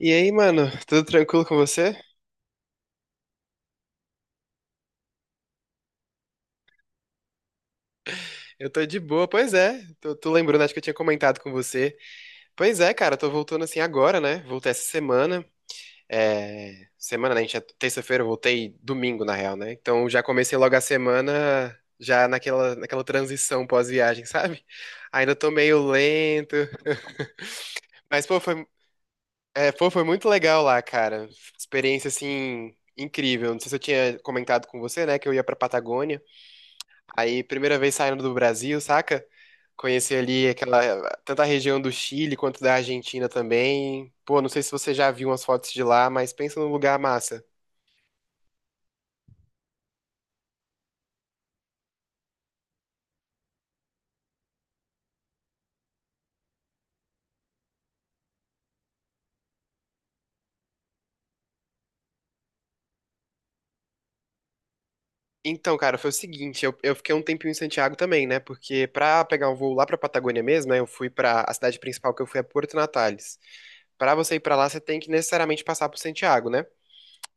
E aí, mano, tudo tranquilo com você? Eu tô de boa, pois é. Tô lembrando, acho que eu tinha comentado com você. Pois é, cara, tô voltando assim agora, né? Voltei essa semana. É, semana, né? A gente é terça-feira, eu voltei domingo, na real, né? Então já comecei logo a semana, já naquela transição pós-viagem, sabe? Ainda tô meio lento. Mas, pô, foi, pô, foi muito legal lá, cara. Experiência, assim, incrível. Não sei se eu tinha comentado com você, né? Que eu ia pra Patagônia. Aí, primeira vez saindo do Brasil, saca? Conheci ali aquela, tanto a região do Chile quanto da Argentina também. Pô, não sei se você já viu umas fotos de lá, mas pensa num lugar massa. Então, cara, foi o seguinte, eu fiquei um tempinho em Santiago também, né? Porque pra pegar um voo lá pra Patagônia mesmo, né? Eu fui pra, a cidade principal que eu fui é Porto Natales. Pra você ir pra lá, você tem que necessariamente passar por Santiago, né?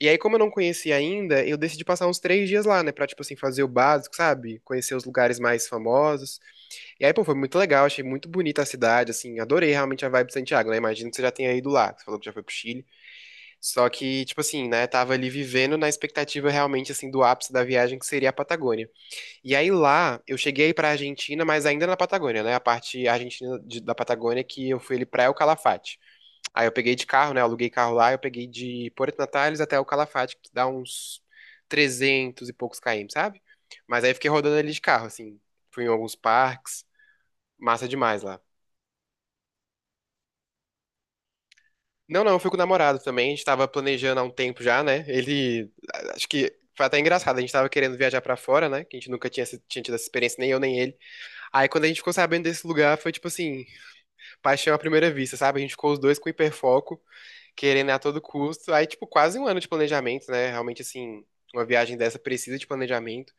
E aí, como eu não conhecia ainda, eu decidi passar uns três dias lá, né? Pra, tipo assim, fazer o básico, sabe? Conhecer os lugares mais famosos. E aí, pô, foi muito legal, achei muito bonita a cidade, assim, adorei realmente a vibe de Santiago, né? Imagino que você já tenha ido lá, que você falou que já foi pro Chile. Só que, tipo assim, né, tava ali vivendo na expectativa realmente, assim, do ápice da viagem, que seria a Patagônia. E aí lá, eu cheguei pra Argentina, mas ainda na Patagônia, né? A parte argentina da Patagônia que eu fui ali pra El Calafate. Aí eu peguei de carro, né? Aluguei carro lá, eu peguei de Porto Natales até El Calafate, que dá uns 300 e poucos km, sabe? Mas aí fiquei rodando ali de carro, assim, fui em alguns parques, massa demais lá. Não, não, eu fui com o namorado também. A gente tava planejando há um tempo já, né? Ele. Acho que foi até engraçado. A gente tava querendo viajar pra fora, né? Que a gente nunca tinha, tinha tido essa experiência, nem eu, nem ele. Aí quando a gente ficou sabendo desse lugar, foi tipo assim, paixão à primeira vista, sabe? A gente ficou os dois com hiperfoco, querendo a todo custo. Aí, tipo, quase um ano de planejamento, né? Realmente, assim, uma viagem dessa precisa de planejamento.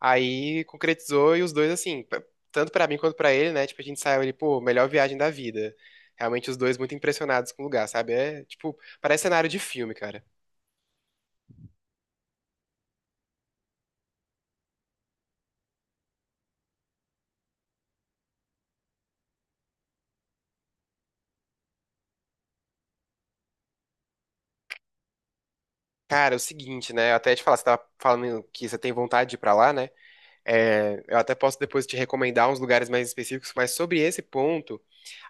Aí concretizou e os dois, assim, tanto pra mim quanto pra ele, né? Tipo, a gente saiu ele, pô, melhor viagem da vida. Realmente os dois muito impressionados com o lugar, sabe? É, tipo, parece cenário de filme, cara. Cara, é o seguinte, né? Eu até te falar, você tava falando que você tem vontade de ir pra lá, né? É, eu até posso depois te recomendar uns lugares mais específicos, mas sobre esse ponto,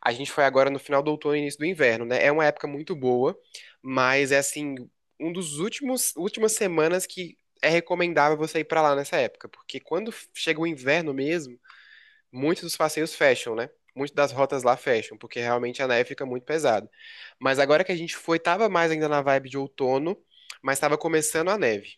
a gente foi agora no final do outono e início do inverno, né? É uma época muito boa, mas é assim, um dos últimos últimas semanas que é recomendável você ir pra lá nessa época, porque quando chega o inverno mesmo, muitos dos passeios fecham, né? Muitas das rotas lá fecham, porque realmente a neve fica muito pesada. Mas agora que a gente foi, tava mais ainda na vibe de outono, mas tava começando a neve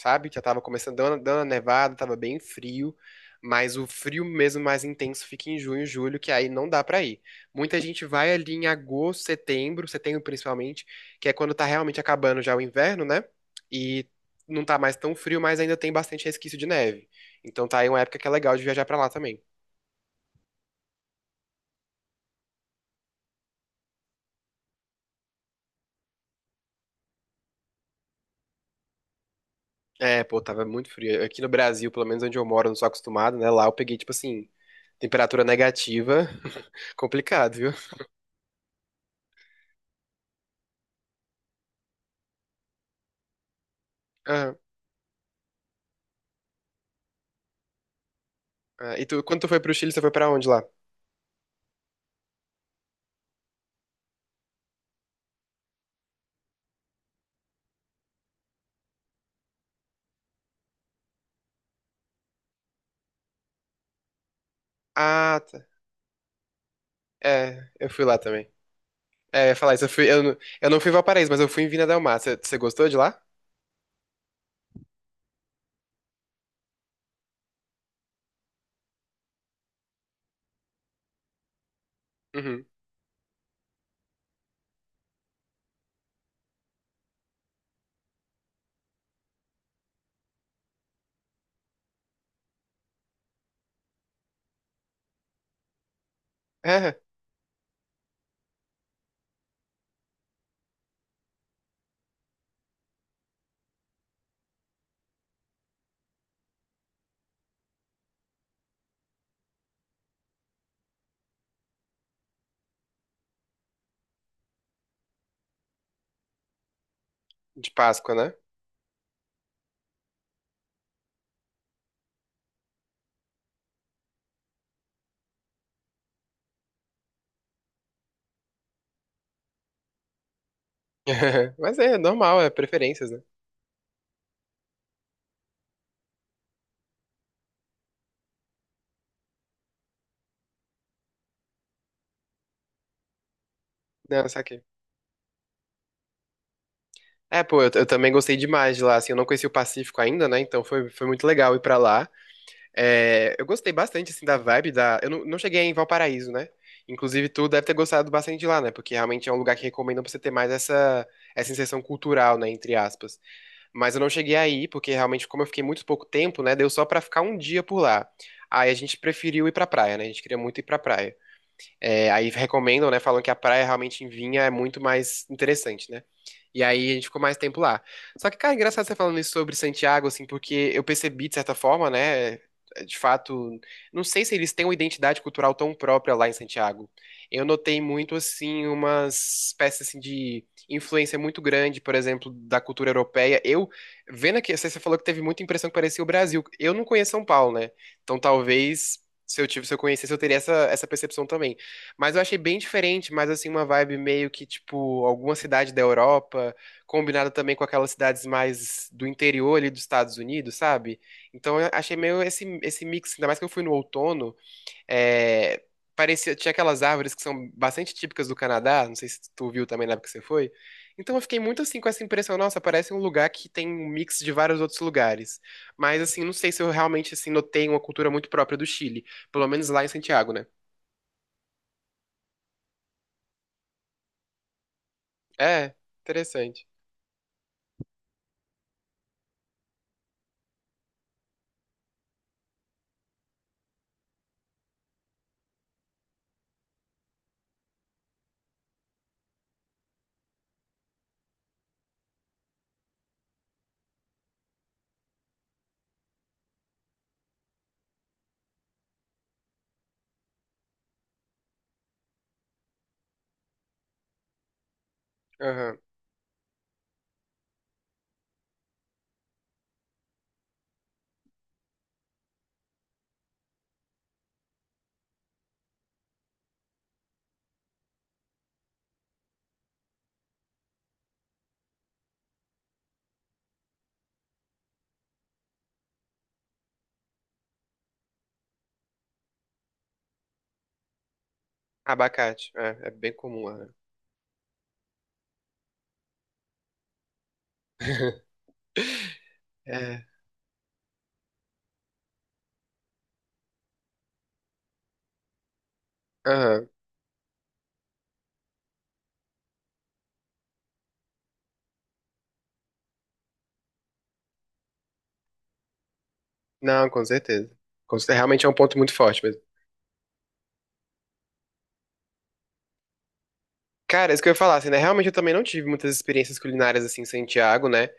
sabe? Já tava começando dando a nevada, tava bem frio, mas o frio mesmo mais intenso fica em junho, julho, que aí não dá pra ir. Muita gente vai ali em agosto, setembro, setembro principalmente, que é quando tá realmente acabando já o inverno, né? E não tá mais tão frio, mas ainda tem bastante resquício de neve. Então tá aí uma época que é legal de viajar pra lá também. É, pô, tava muito frio. Aqui no Brasil, pelo menos onde eu moro, eu não sou acostumado, né? Lá eu peguei, tipo assim, temperatura negativa. Complicado, viu? Ah, e tu, quando tu foi pro Chile, você foi pra onde lá? Ah, tá. É, eu fui lá também. É, eu ia falar isso, eu fui, eu não fui em Valparaíso, mas eu fui em Vina Del Mar. Você gostou de lá? Uhum. É, de Páscoa, né? Mas é normal, é preferências, né? Não, saquei. É, pô, eu também gostei demais de lá, assim, eu não conheci o Pacífico ainda, né? Então foi, foi muito legal ir pra lá. É, eu gostei bastante, assim, da vibe da... Eu não, não cheguei em Valparaíso, né? Inclusive, tu deve ter gostado bastante de lá, né? Porque realmente é um lugar que recomendam pra você ter mais essa inserção cultural, né? Entre aspas. Mas eu não cheguei aí, porque realmente, como eu fiquei muito pouco tempo, né, deu só pra ficar um dia por lá. Aí a gente preferiu ir pra praia, né? A gente queria muito ir pra praia. É, aí recomendam, né? Falam que a praia realmente em Vinha é muito mais interessante, né? E aí a gente ficou mais tempo lá. Só que, cara, é engraçado você falando isso sobre Santiago, assim, porque eu percebi, de certa forma, né? De fato, não sei se eles têm uma identidade cultural tão própria lá em Santiago. Eu notei muito, assim, umas espécies assim, de influência muito grande, por exemplo, da cultura europeia. Eu, vendo aqui, você falou que teve muita impressão que parecia o Brasil. Eu não conheço São Paulo, né? Então talvez se eu conhecesse, eu teria essa percepção também. Mas eu achei bem diferente, mas assim, uma vibe meio que, tipo, alguma cidade da Europa, combinada também com aquelas cidades mais do interior ali dos Estados Unidos, sabe? Então eu achei meio esse mix, ainda mais que eu fui no outono, é, parecia, tinha aquelas árvores que são bastante típicas do Canadá, não sei se tu viu também na época que você foi. Então eu fiquei muito assim com essa impressão, nossa, parece um lugar que tem um mix de vários outros lugares. Mas assim, não sei se eu realmente assim notei uma cultura muito própria do Chile, pelo menos lá em Santiago, né? É, interessante. Aham. Abacate. É, é bem comum, né? É. Aham. Não, com certeza. Realmente é um ponto muito forte. Cara, isso que eu ia falar, assim, né? Realmente eu também não tive muitas experiências culinárias assim em Santiago, né?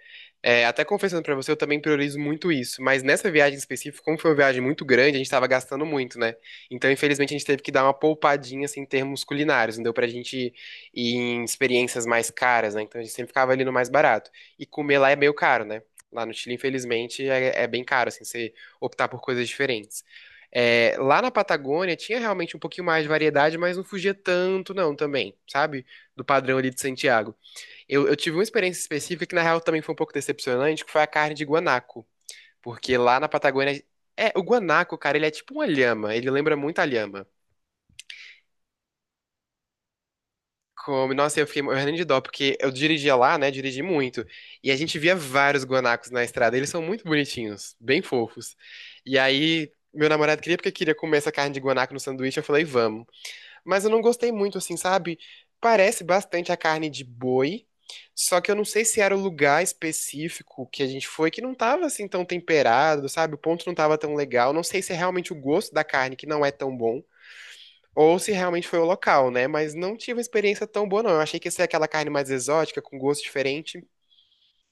É, até confessando pra você, eu também priorizo muito isso. Mas nessa viagem específica, como foi uma viagem muito grande, a gente tava gastando muito, né? Então, infelizmente, a gente teve que dar uma poupadinha assim, em termos culinários. Não deu pra gente ir em experiências mais caras, né? Então a gente sempre ficava ali no mais barato. E comer lá é meio caro, né? Lá no Chile, infelizmente, é, é bem caro, assim, você optar por coisas diferentes. É, lá na Patagônia tinha realmente um pouquinho mais de variedade, mas não fugia tanto, não, também, sabe? Do padrão ali de Santiago. Eu tive uma experiência específica que, na real, também foi um pouco decepcionante, que foi a carne de guanaco. Porque lá na Patagônia. É, o guanaco, cara, ele é tipo uma lhama, ele lembra muito a lhama. Como, nossa, eu fiquei morrendo de dó, porque eu dirigia lá, né? Dirigi muito. E a gente via vários guanacos na estrada. Eles são muito bonitinhos, bem fofos. E aí, meu namorado queria porque queria comer essa carne de guanaco no sanduíche. Eu falei, vamos. Mas eu não gostei muito, assim, sabe? Parece bastante a carne de boi, só que eu não sei se era o lugar específico que a gente foi, que não tava assim tão temperado, sabe? O ponto não tava tão legal. Não sei se é realmente o gosto da carne que não é tão bom, ou se realmente foi o local, né? Mas não tive uma experiência tão boa, não. Eu achei que ia ser aquela carne mais exótica, com gosto diferente,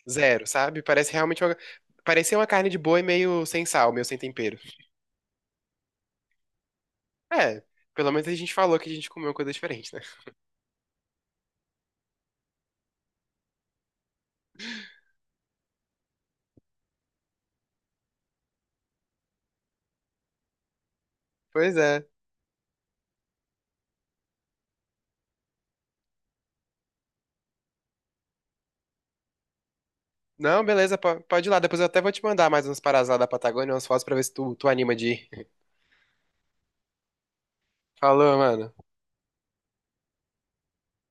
zero, sabe? Parece realmente uma... Parecia uma carne de boi meio sem sal, meio sem tempero. É, pelo menos a gente falou que a gente comeu coisa diferente, né? Pois é. Não, beleza, pode ir lá. Depois eu até vou te mandar mais umas paradas lá da Patagônia, umas fotos pra ver se tu anima de ir. Falou, mano.